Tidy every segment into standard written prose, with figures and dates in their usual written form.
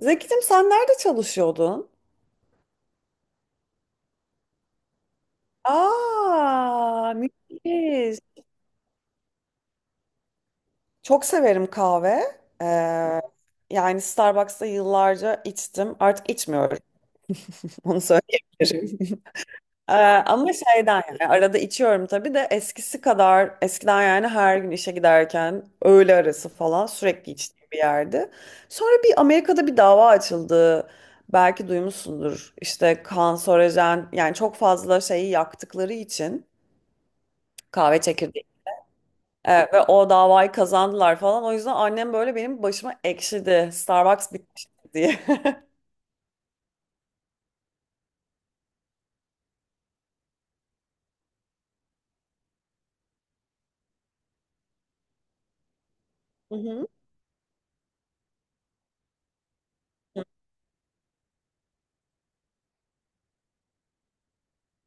Zeki'cim sen nerede çalışıyordun? Aa, müthiş. Çok severim kahve. Ee, yani Starbucks'ta yıllarca içtim. Artık içmiyorum. Onu söyleyebilirim. Ee, ama şeyden yani arada içiyorum tabii de eskisi kadar eskiden yani her gün işe giderken öğle arası falan sürekli içtiğim bir yerdi. Sonra bir Amerika'da bir dava açıldı. Belki duymuşsundur. İşte kanserojen yani çok fazla şeyi yaktıkları için kahve çekirdeği. Ve o davayı kazandılar falan. O yüzden annem böyle benim başıma ekşidi. Starbucks bitmişti diye. Hı hı.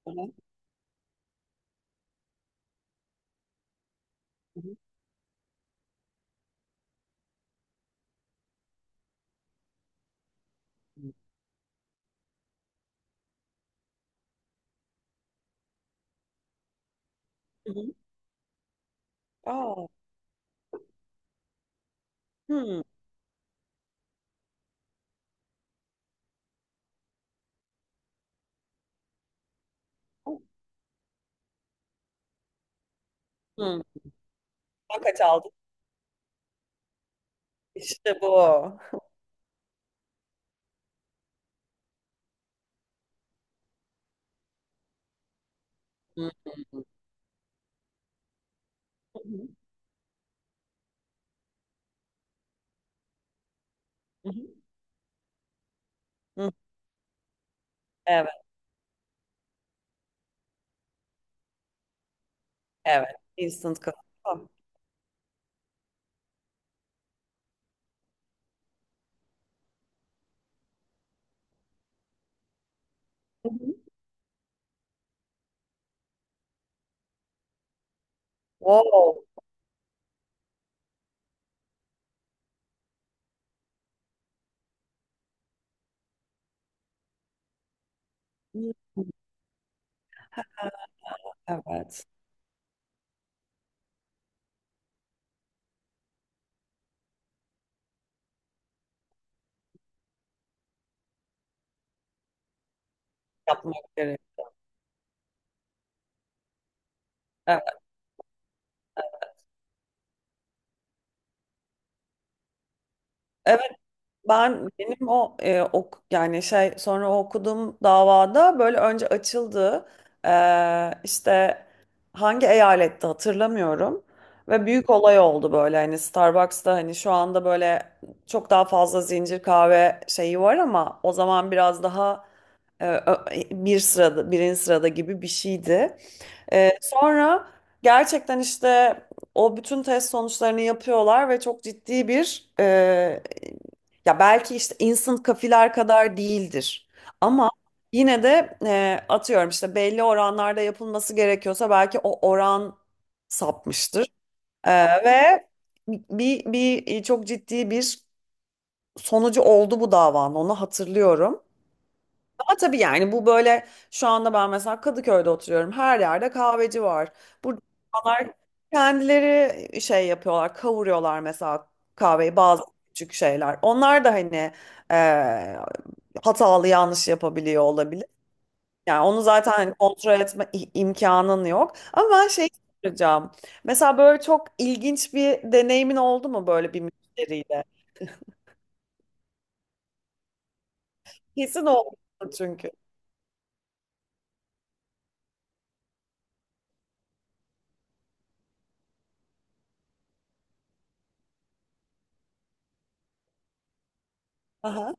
Hı hı. Hı hı. Hı hı. Aa. Hı. Hı. Sen kaç aldın? İşte bu. O. Hı Hı hı, hı hı. Hı. Evet, evet. Instant kahve. Hı hı. Wow. Hı. Hı. Evet. Yapmak gerek. Evet. Evet, benim o ok yani şey sonra o okuduğum davada böyle önce açıldı. İşte hangi eyalette hatırlamıyorum. Ve büyük olay oldu böyle hani Starbucks'ta hani şu anda böyle çok daha fazla zincir kahve şeyi var ama o zaman biraz daha Ee, bir sırada birinci sırada gibi bir şeydi. Sonra gerçekten işte o bütün test sonuçlarını yapıyorlar ve çok ciddi bir ya belki işte instant kafiler kadar değildir ama yine de atıyorum işte belli oranlarda yapılması gerekiyorsa belki o oran sapmıştır. Ve bir çok ciddi bir sonucu oldu bu davanın, onu hatırlıyorum. Ama tabii yani bu böyle şu anda ben mesela Kadıköy'de oturuyorum. Her yerde kahveci var. Burada insanlar kendileri şey yapıyorlar, kavuruyorlar mesela kahveyi, bazı küçük şeyler. Onlar da hani eee, hatalı, yanlış yapabiliyor olabilir. Yani onu zaten hani kontrol etme imkanın yok. Ama ben şey soracağım. Mesela böyle çok ilginç bir deneyimin oldu mu böyle bir müşteriyle? Kesin oldu çünkü. Aha.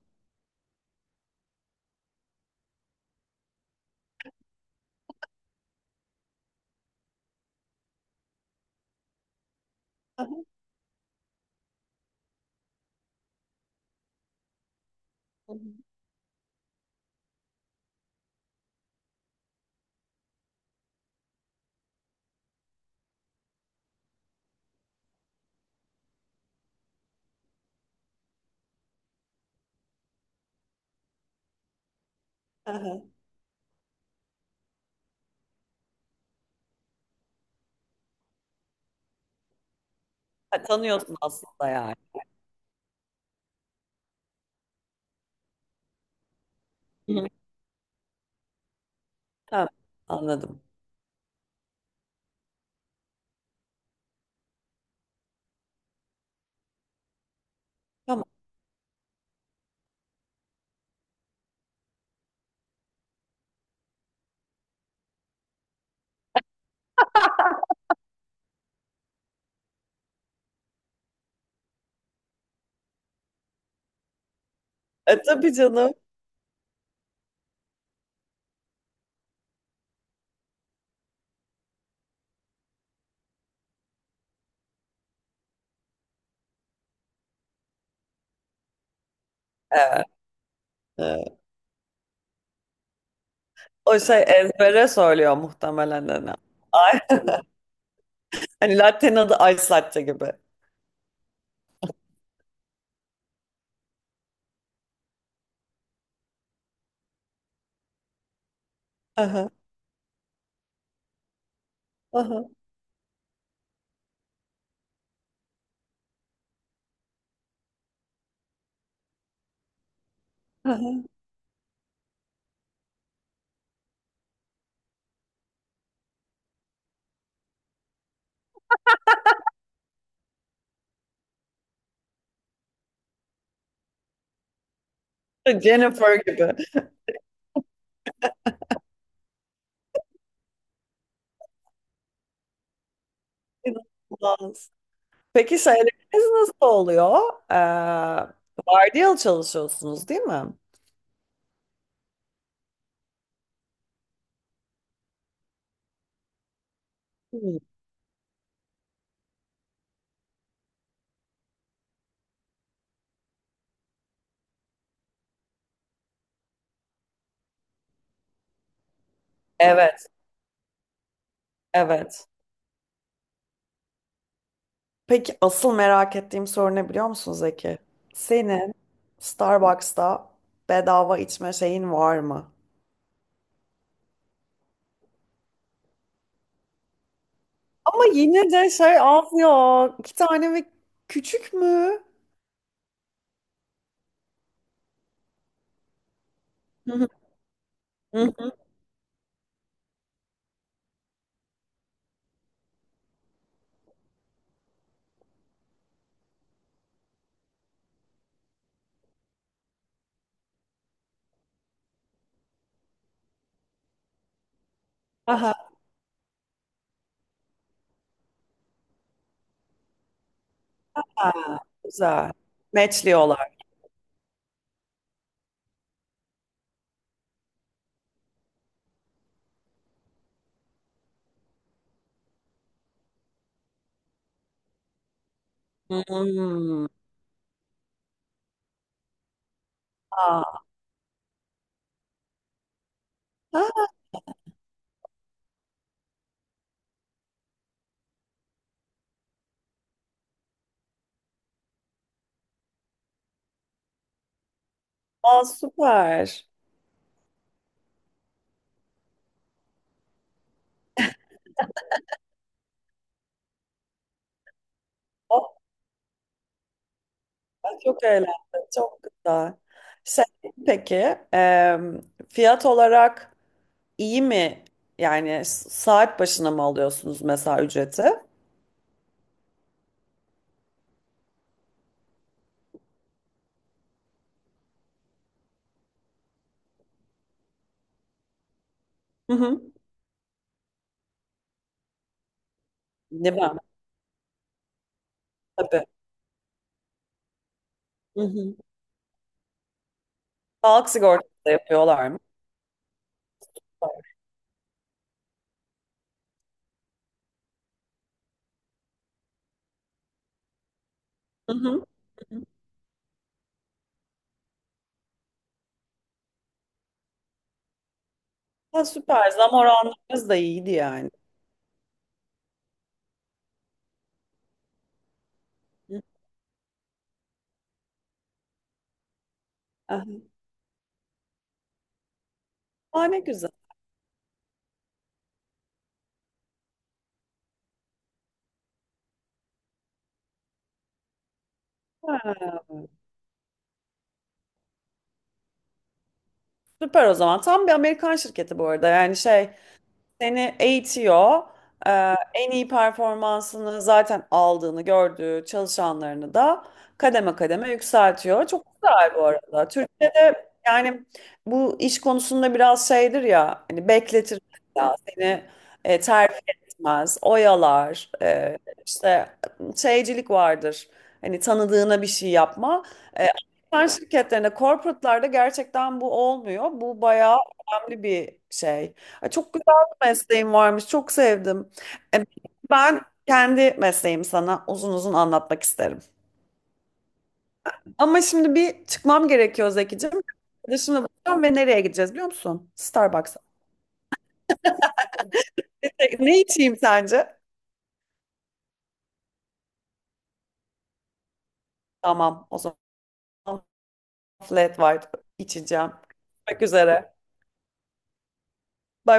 Aha, aha. Ha, tanıyorsun aslında yani. Hı. Tamam, anladım. Tamam. E tabii canım. Evet. Evet. O şey ezbere söylüyor muhtemelen hani. Ay, hani latte'nin adı ice latte gibi. Aha, aha, aha. Jennifer gibi. İnanılmaz. Peki şeyleriniz nasıl oluyor? Ee, vardiyalı çalışıyorsunuz değil mi? Hı. Evet, evet. Peki asıl merak ettiğim soru ne biliyor musun Zeki? Senin Starbucks'ta bedava içme şeyin var mı? Ama yine de şey az ya. İki tane mi? Küçük mü? Hı hı, hı hı. Aha, ha, güzel. Matchliyorlar. Hmm. Aa, ha, aa, süper. Oh, ben çok eğlendim. Çok güzel. Şey, peki em, fiyat olarak İyi mi? Yani saat başına mı alıyorsunuz mesela ücreti? Hı hı. Ne ben? Tabii. Hı hı. Sağlık sigortası da yapıyorlar mı? Hı hı. Hı hı. Ha, süper. Zam oranlarınız da iyiydi yani. Hı. Aha. Aa, ne güzel. Ha, süper o zaman. Tam bir Amerikan şirketi bu arada. Yani şey, seni eğitiyor. Ee, en iyi performansını zaten aldığını gördüğü çalışanlarını da kademe kademe yükseltiyor. Çok güzel bu arada. Türkiye'de yani bu iş konusunda biraz şeydir ya hani, bekletir ya seni, terfi etmez, oyalar, işte şeycilik vardır. Hani tanıdığına bir şey yapma. E, Amerikan şirketlerinde, corporate'larda gerçekten bu olmuyor. Bu bayağı önemli bir şey. Ay, çok mesleğim varmış. Çok sevdim. E, Ben kendi mesleğimi sana uzun uzun anlatmak isterim. Ama şimdi bir çıkmam gerekiyor Zekicim. Arkadaşımla buluşacağım ve nereye gideceğiz biliyor musun? Starbucks'a. Ne, ne içeyim sence? Tamam o zaman flat white içeceğim. Görüşmek üzere. Bye.